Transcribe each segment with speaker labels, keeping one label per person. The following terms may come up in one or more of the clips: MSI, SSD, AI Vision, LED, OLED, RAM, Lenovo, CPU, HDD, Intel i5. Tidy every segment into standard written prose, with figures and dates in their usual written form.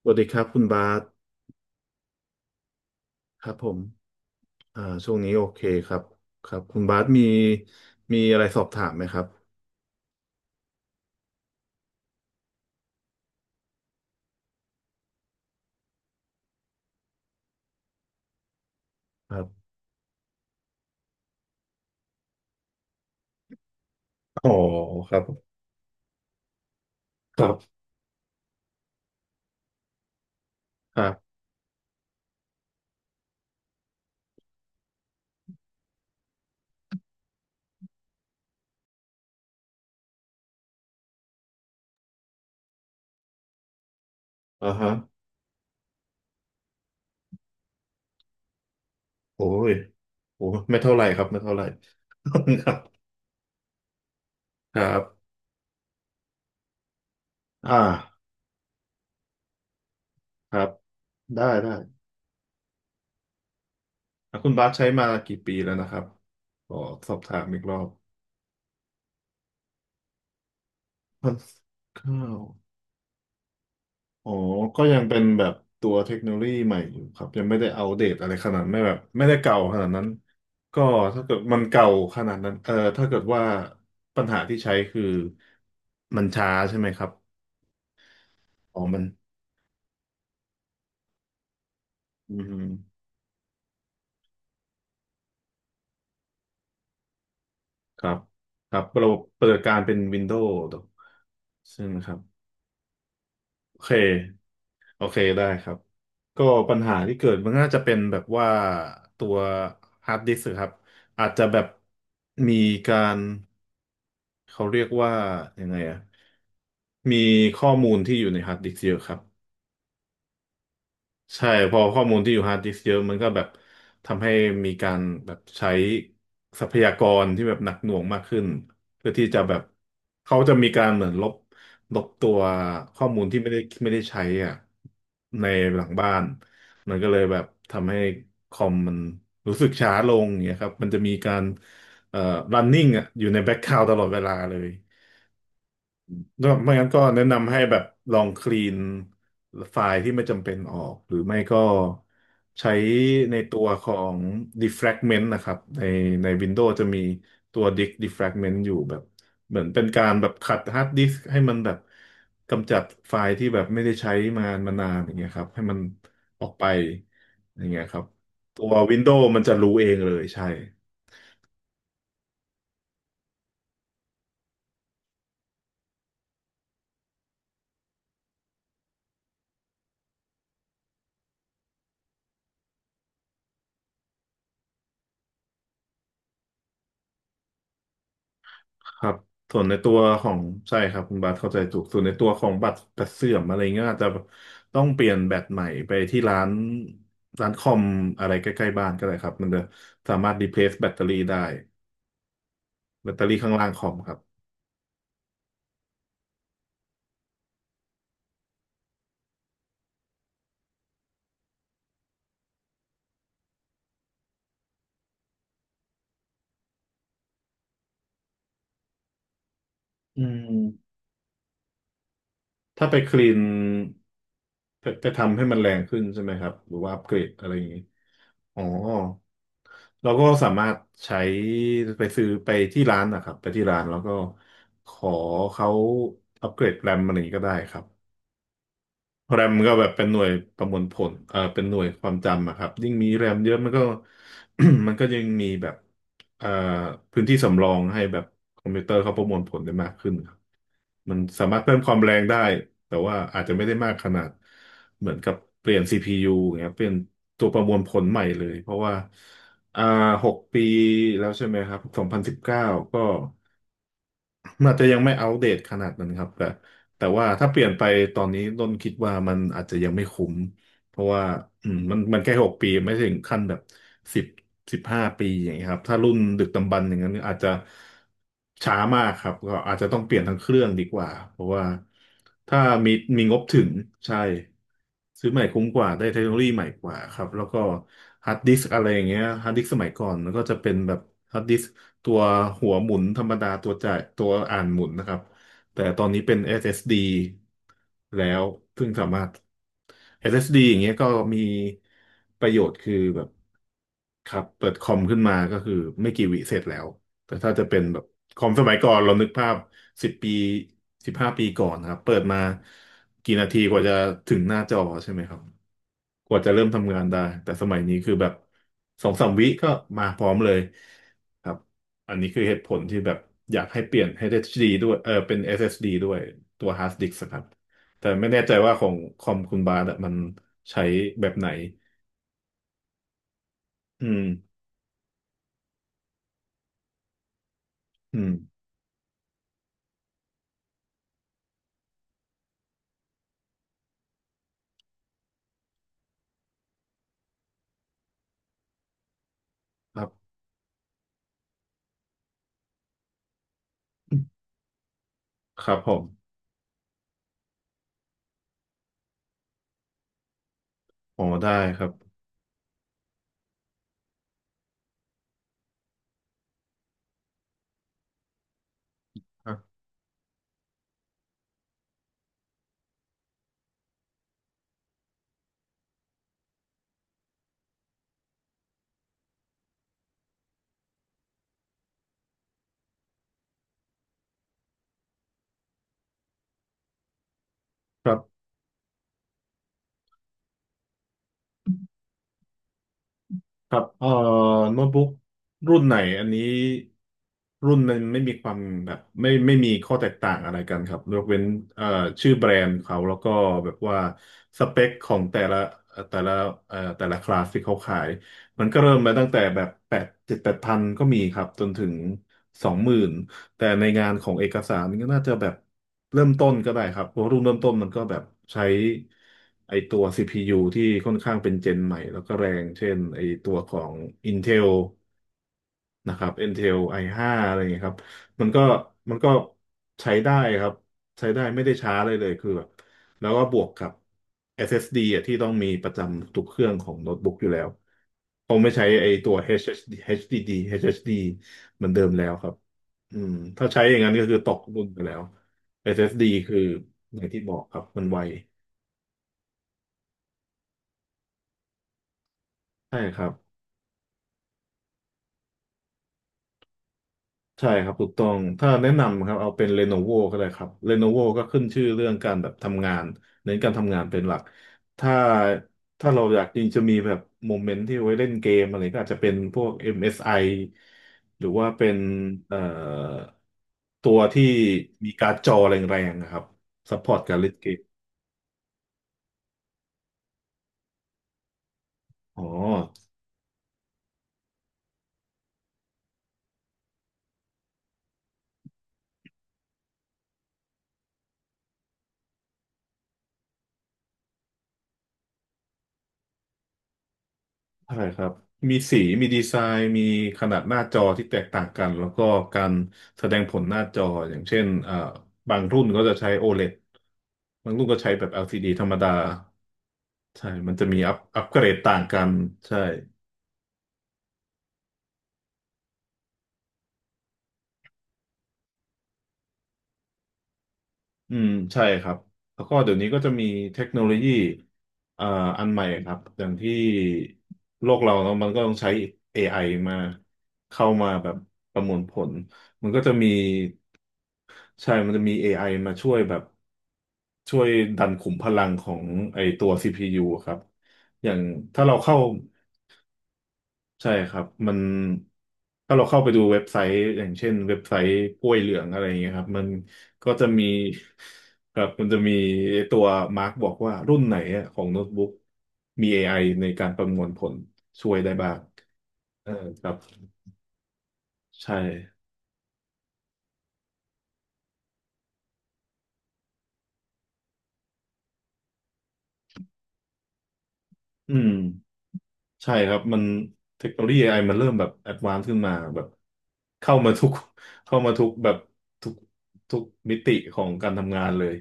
Speaker 1: สวัสดีครับคุณบาสครับผมช่วงนี้โอเคครับครับคุณบาสมีอะไรสอบถามไหมครับครับอ๋อครับครับครับอ่าฮะโอ้ยโอ้ไม่เท่าไหร่ครับไม่เท่าไหร่ ครับครับอ่าครับได้ได้อ่ะคุณบาสใช้มากี่ปีแล้วนะครับขอสอบถามอีกรอบพันเก้า อ๋อ ก็ยังเป็นแบบตัวเทคโนโลยีใหม่อยู่ครับยังไม่ได้อัปเดตอะไรขนาดไม่แบบไม่ได้เก่าขนาดนั้นก็ถ้าเกิดมันเก่าขนาดนั้นเออถ้าเกิดว่าปัญหาที่ใช้คือมันช้าใช่ไหมครับอ๋อมันอืมครับครับระบบปฏิบัติการเป็น Windows ใช่ไหมครับโอเคโอเคได้ครับก็ปัญหาที่เกิดมันน่าจะเป็นแบบว่าตัวฮาร์ดดิสก์ครับอาจจะแบบมีการ เขาเรียกว่ายังไงอะมีข้อมูลที่อยู่ในฮาร์ดดิสก์เยอะครับใช่พอข้อมูลที่อยู่ฮาร์ดดิสก์เยอะมันก็แบบทำให้มีการแบบใช้ทรัพยากรที่แบบหนักหน่วงมากขึ้นเพื่อที่จะแบบเขาจะมีการเหมือนลบตัวข้อมูลที่ไม่ได้ใช้อ่ะในหลังบ้านมันก็เลยแบบทำให้คอมมันรู้สึกช้าลงอย่างเงี้ยครับมันจะมีการเอ่อ running อ่ะอยู่ในแบ็ k กราว n d ตลอดเวลาเลย ก็ไม่งั้นก็แนะนำให้แบบลองคลีนไฟล์ที่ไม่จำเป็นออกหรือไม่ก็ใช้ในตัวของ defragment นะครับใน Windows จะมีตัว disk defragment อยู่แบบเหมือนเป็นการแบบขัดฮาร์ดดิสก์ให้มันแบบกำจัดไฟล์ที่แบบไม่ได้ใช้มานานอย่างเงี้ยครับให้มันออกไปอย่างเงี้ยครับตัว Windows มันจะรู้เองเลยใช่ ครับส่วนในตัวของใช่ครับคุณบาสเข้าใจถูกส่วนในตัวของบัตรเสื่อมอะไรเงี้ยอาจจะต้องเปลี่ยนแบตใหม่ไปที่ร้านคอมอะไรใกล้ๆบ้านก็ได้ครับมันจะสามารถ replace แบตเตอรี่ได้แบตเตอรี่ข้างล่างคอมครับอืม ถ้าไปคลีนไปทำให้มันแรงขึ้นใช่ไหมครับหรือว่าอัปเกรดอะไรอย่างนี้ อ๋อ เราก็สามารถใช้ไปซื้อไปที่ร้านนะครับไปที่ร้านแล้วก็ขอเขาอัปเกรดแรมอะไรอย่างนี้ก็ได้ครับ แรมก็แบบเป็นหน่วยประมวลผลเป็นหน่วยความจำอะครับ ยิ่งมีแรมเยอะมันก็ มันก็ยิ่งมีแบบเอ่อพื้นที่สำรองให้แบบคอมพิวเตอร์เขาประมวลผลได้มากขึ้นครับ มันสามารถเพิ่มความแรงได้ แต่ว่าอาจจะไม่ได้มากขนาด เหมือนกับเปลี่ยน CPU อย่างเงี้ยเปลี่ยนตัวประมวลผลใหม่เลย เพราะว่าอ่า6 ปีแล้วใช่ไหมครับ2019ก็ มันอาจจะยังไม่อัปเดตขนาดนั้นครับแต่ว่าถ้าเปลี่ยนไปตอนนี้ต้นคิดว่ามันอาจจะยังไม่คุ้ม เพราะว่าอืมมันแค่หกปีไม่ถึงขั้นแบบสิบสิบห้าปีอย่างเงี้ยครับถ้ารุ่นดึกดำบรรพ์อย่างนั้นอาจจะช้ามากครับก็อาจจะต้องเปลี่ยนทั้งเครื่องดีกว่าเพราะว่าถ้ามีมีงบถึงใช่ซื้อใหม่คุ้มกว่าได้เทคโนโลยีใหม่กว่าครับแล้วก็ฮาร์ดดิสก์อะไรอย่างเงี้ยฮาร์ดดิสก์สมัยก่อนมันก็จะเป็นแบบฮาร์ดดิสก์ตัวหัวหมุนธรรมดาตัวจ่ายตัวอ่านหมุนนะครับ แต่ตอนนี้เป็น SSD แล้วซึ่งสามารถ SSD อสเอสดีอย่างเงี้ยก็มีประโยชน์คือแบบครับเปิดคอมขึ้นมาก็คือไม่กี่วิเสร็จแล้ว แต่ถ้าจะเป็นแบบคอมสมัยก่อนเรานึกภาพ10 ปีสิบห้าปีก่อนนะครับเปิดมากี่นาทีกว่าจะถึงหน้าจอใช่ไหมครับกว่าจะเริ่มทำงานได้แต่สมัยนี้คือแบบสองสามวิก็มาพร้อมเลยครับอันนี้คือเหตุผลที่แบบอยากให้เปลี่ยน HDD ดด้วยเออเป็น SSD ดด้วยตัว hard disk ครับแต่ไม่แน่ใจว่าของคอมคุณบาสอะมันใช้แบบไหนอืมอืมครับครับผมอ๋อได้ครับครับ ครับโน้ตบุ๊กรุ่นไหนอันนี้รุ่นมันไม่มีความแบบไม่ไม่มีข้อแตกต่างอะไรกันครับยกเว้นเอ่อชื่อแบรนด์เขาแล้วก็แบบว่าสเปคของแต่ละแต่ละแต่ละคลาสที่เขาขายมันก็เริ่มมาตั้งแต่แบบแปดเจ็ดแปดพันก็มีครับจนถึง20,000 แต่ในงานของเอกสารมันก็น่าจะแบบเริ่มต้นก็ได้ครับเพราะรุ่นเริ่มต้นมันก็แบบใช้ไอตัว CPU ที่ค่อนข้างเป็นเจนใหม่แล้วก็แรงเช่นไอตัวของ Intel นะครับ Intel i5 อห้าอะไรอย่างเงี้ยครับมันก็มันก็ใช้ได้ครับใช้ได้ไม่ได้ช้าเลยคือแบบแล้วก็บวกกับ SSD อสเอสดีอ่ะที่ต้องมีประจำทุกเครื่องของโน้ตบุ๊กอยู่แล้ว เขาไม่ใช้ไอตัว HHD HDD HHD เอชดีเอชดีดีเอชเอชดีเหมือนเดิมแล้วครับอืมถ้าใช้อย่างนั้นก็คือตกรุ่นไปแล้ว SSD คืออย่างที่บอกครับมันไวใช่ครับ ใช่ครับถูกต้องถ้าแนะนำครับเอาเป็น Lenovo ก็ได้ครับ Lenovo ก็ขึ้นชื่อเรื่องการแบบทำงานเน้นการทำงานเป็นหลักถ้าถ้าเราอยากจริงจะมีแบบโมเมนต์ที่ไว้เล่นเกมอะไรก็อาจจะเป็นพวก MSI หรือว่าเป็นเอ่อตัวที่มีการ์ดจอแรงๆนะครับซัพพอร์ตการเล่นเกมอ๋อ ใช่ครับมีสีมีดีไซน์มีขนาดหน้าจอที่แตกต่างกันแล้วก็การแสดงผลหน้าจออย่างเช่นบางรุ่นก็จะใช้โอ l e d บางรุ่นก็ใช้แบบ l ด d ธรรมดาใช่มันจะมีอัปเกรดต่างกันใช่อืมใช่ครับแล้วก็เดี๋ยวนี้ก็จะมีเทคโนโลยีเอ่ออันใหม่ครับอย่างที่โลกเราเนอะมันก็ต้องใช้ AI มาเข้ามาแบบประมวลผลมันก็จะมี ใช่มันจะมี AI มาช่วยแบบช่วยดันขุมพลังของไอตัว CPU อะครับ อย่างถ้าเราเข้าใช่ครับมันถ้าเราเข้าไปดูเว็บไซต์อย่างเช่นเว็บไซต์กล้วยเหลืองอะไรอย่างเงี้ยครับมันก็จะมีครับมันจะมีตัวมาร์กบอกว่ารุ่นไหนอะของโน้ตบุ๊กมี AI ในการประมวลผลช่วยได้บ้างเออครับใช่อืม ใช่ครับมันเทคโนโลยี AI มันเริ่มแบบแอดวานซ์ขึ้นมาแบบเข้ามาทุกเข้ามาทุกแบบทุกทุกมิติของการทำงานเลย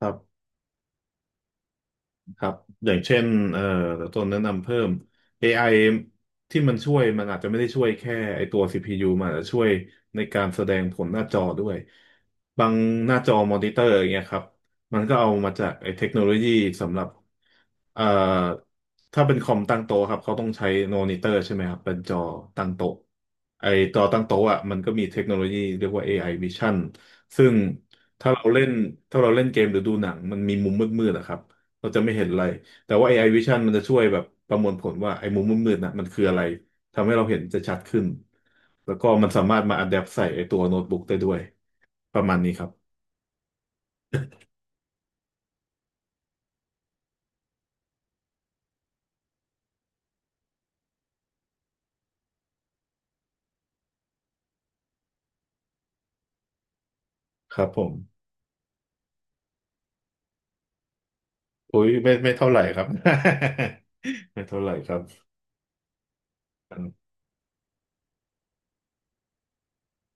Speaker 1: ครับ ครับอย่างเช่นเอ่อตัวแนะนำเพิ่ม AI ที่มันช่วยมันอาจจะไม่ได้ช่วยแค่ไอตัว CPU มันอาจจะช่วยในการแสดงผลหน้าจอด้วยบางหน้าจอมอนิเตอร์อย่างเงี้ยครับมันก็เอามาจากไอเทคโนโลยีสำหรับเอ่อถ้าเป็นคอมตั้งโต๊ะครับเขาต้องใช้มอนิเตอร์ใช่ไหมครับเป็นจอตั้งโต๊ะไอจอตั้งโต๊ะอ่ะมันก็มีเทคโนโลยีเรียกว่า AI Vision ซึ่งถ้าเราเล่นถ้าเราเล่นเกมหรือดูหนังมันมีมุมมืดๆอะครับ เราจะไม่เห็นอะไรแต่ว่า AI Vision มันจะช่วยแบบประมวลผลว่าไอ้มุมมืดมืดน่ะมันคืออะไรทำให้เราเห็นจะชัดขึ้นแล้วก็มันสามารถมาอัดแอปใส่ไอ้ตัวโน้ตบุ๊กได้ด้วยประมาณนี้ครับครับผมโอ้ยไม่เท่าไหร่ครับ ไม่เท่าไหร่ครับ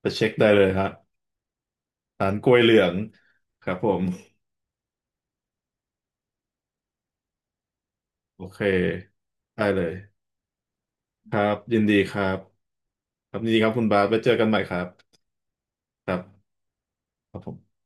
Speaker 1: ไปเช็คได้เลยฮะร้านกล้วยเหลืองครับผมโอเคได้เลยครับยินดีครับครับยินดีครับคุณบาสไว้เจอกันใหม่ครับครับครับผม